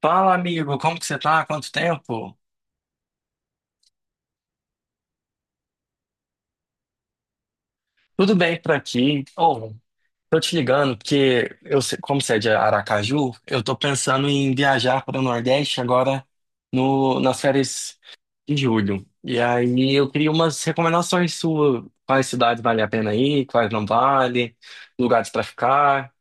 Fala, amigo, como que você tá? Quanto tempo? Tudo bem por aqui? Ô, tô te ligando porque como você é de Aracaju, eu tô pensando em viajar para o Nordeste agora no, nas férias de julho. E aí eu queria umas recomendações suas, quais cidades vale a pena ir, quais não vale, lugares para ficar.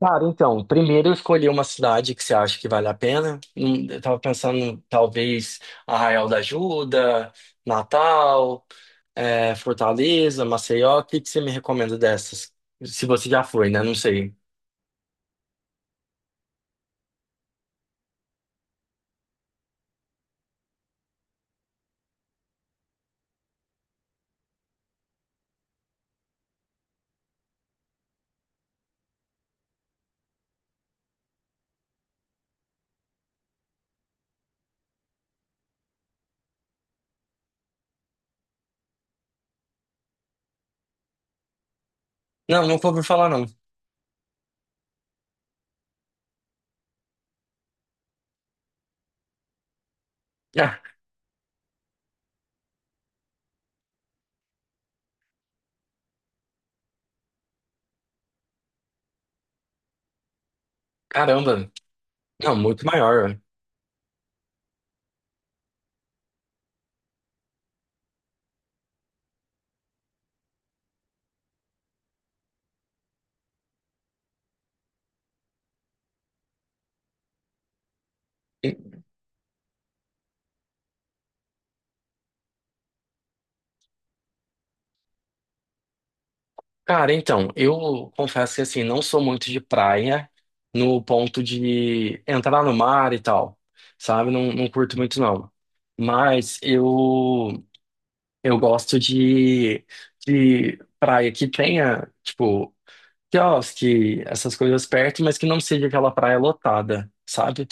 Cara, então, primeiro eu escolhi uma cidade que você acha que vale a pena. Eu tava pensando, talvez, Arraial da Ajuda, Natal, Fortaleza, Maceió. O que que você me recomenda dessas? Se você já foi, né? Não sei. Não, nunca ouvi falar, não. Ah, caramba. Não, muito maior, ué. E, Cara, então, eu confesso que, assim, não sou muito de praia no ponto de entrar no mar e tal, sabe? Não, não curto muito, não. Mas eu gosto de praia que tenha, tipo, quiosque, essas coisas perto, mas que não seja aquela praia lotada, sabe?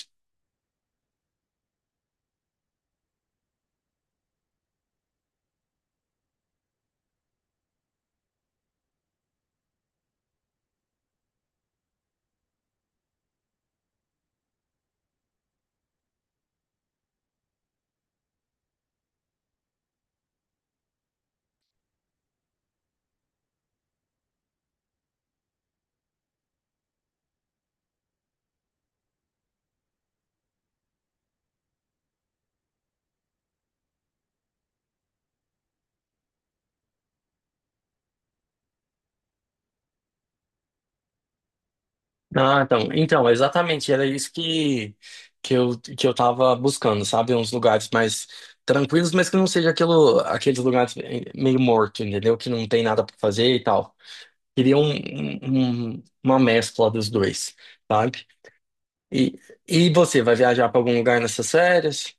Ah, então, então, exatamente, era isso que eu tava buscando, sabe? Uns lugares mais tranquilos, mas que não seja aquilo, aqueles lugares meio morto, entendeu? Que não tem nada pra fazer e tal. Queria uma mescla dos dois, sabe? E, e você, vai viajar pra algum lugar nessas férias?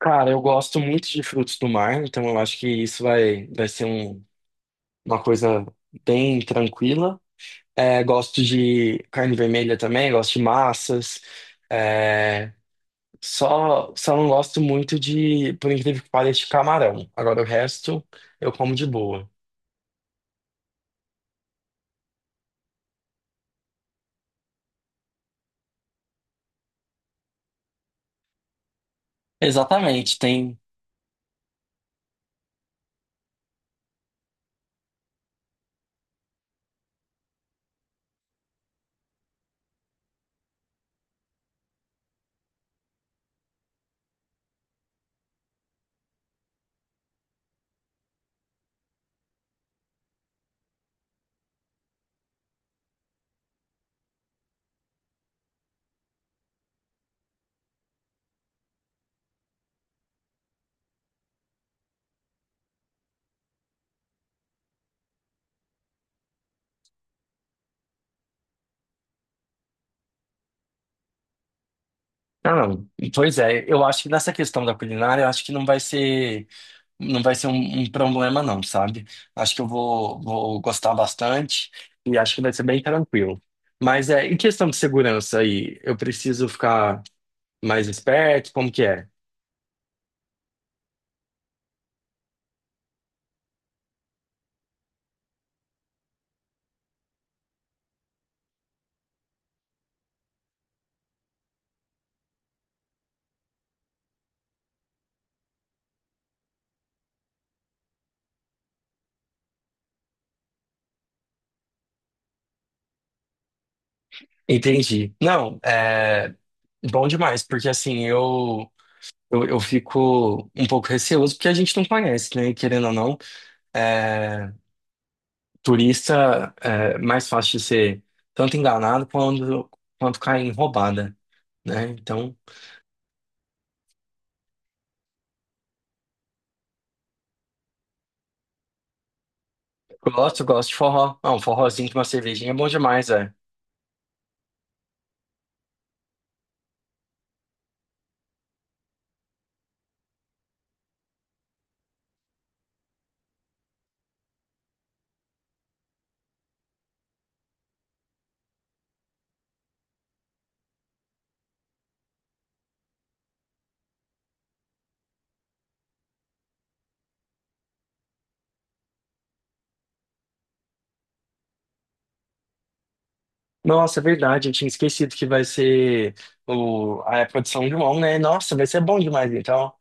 Cara, eu gosto muito de frutos do mar, então eu acho que vai ser uma coisa bem tranquila. É, gosto de carne vermelha também, gosto de massas. É, só não gosto muito de, por incrível que pareça, de camarão. Agora o resto eu como de boa. Exatamente, tem. Não, não. Pois é, eu acho que nessa questão da culinária, eu acho que não vai ser. Não vai ser um problema, não, sabe? Acho que vou gostar bastante e acho que vai ser bem tranquilo. Mas é, em questão de segurança aí, eu preciso ficar mais esperto? Como que é? Entendi. Não, é bom demais, porque assim, eu fico um pouco receoso, porque a gente não conhece, né? E querendo ou não, é, turista é mais fácil de ser tanto quanto cair em roubada, né? Então. Gosto, gosto de forró. Ah, um forrozinho de uma cervejinha é bom demais, é. Nossa, é verdade, eu tinha esquecido que vai ser a época de São João, né? Nossa, vai ser bom demais, então.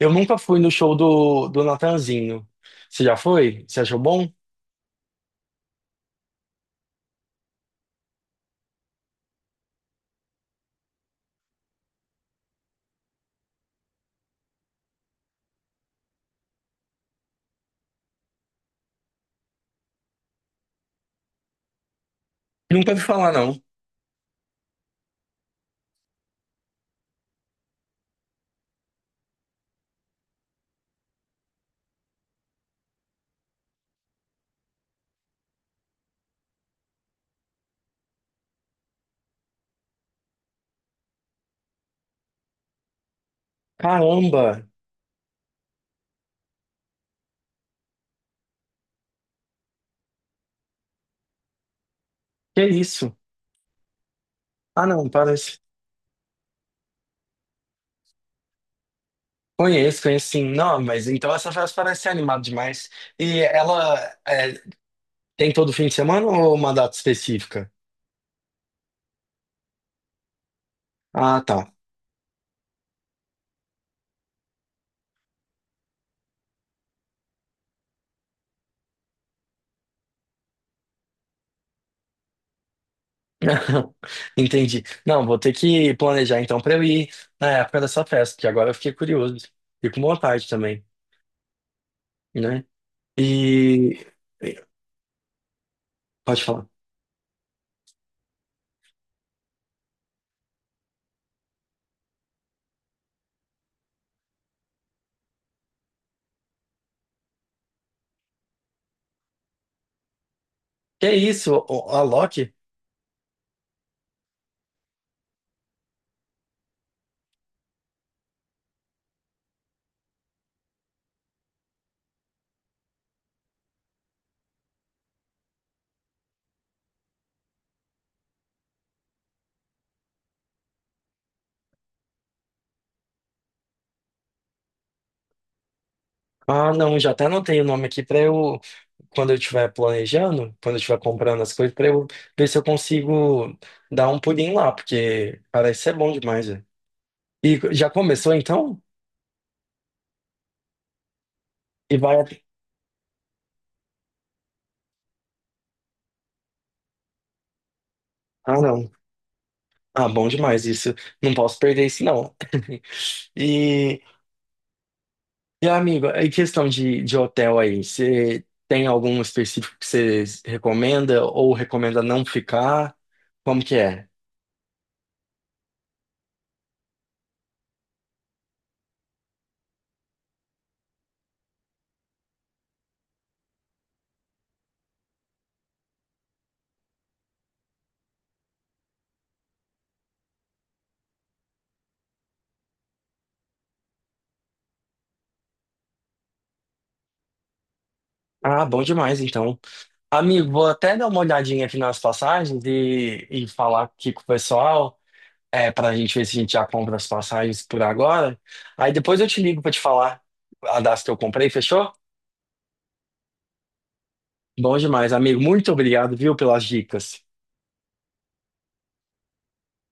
Eu nunca fui no show do Natanzinho. Você já foi? Você achou bom? Nunca ouvi falar, não. Caramba, que isso? Ah, não, parece. Conheço, conheço sim. Não, mas então essa festa parece ser animada demais. E ela é, tem todo fim de semana ou uma data específica? Ah, tá. Entendi. Não, vou ter que planejar então para eu ir na época dessa festa, porque agora eu fiquei curioso. E com vontade também, né? E. Pode falar. Que é isso? A Loki? Ah, não, já até anotei o nome aqui para eu. Quando eu estiver planejando, quando eu estiver comprando as coisas, para eu ver se eu consigo dar um pulinho lá, porque parece ser bom demais, né? E já começou então? E vai. Ah, não. Ah, bom demais isso. Não posso perder isso, não. E. E, amigo, em questão de hotel aí, você tem algum específico que você recomenda ou recomenda não ficar? Como que é? Ah, bom demais, então. Amigo, vou até dar uma olhadinha aqui nas passagens e falar aqui com o pessoal, é, pra gente ver se a gente já compra as passagens por agora. Aí depois eu te ligo pra te falar a das que eu comprei, fechou? Bom demais, amigo. Muito obrigado, viu, pelas dicas.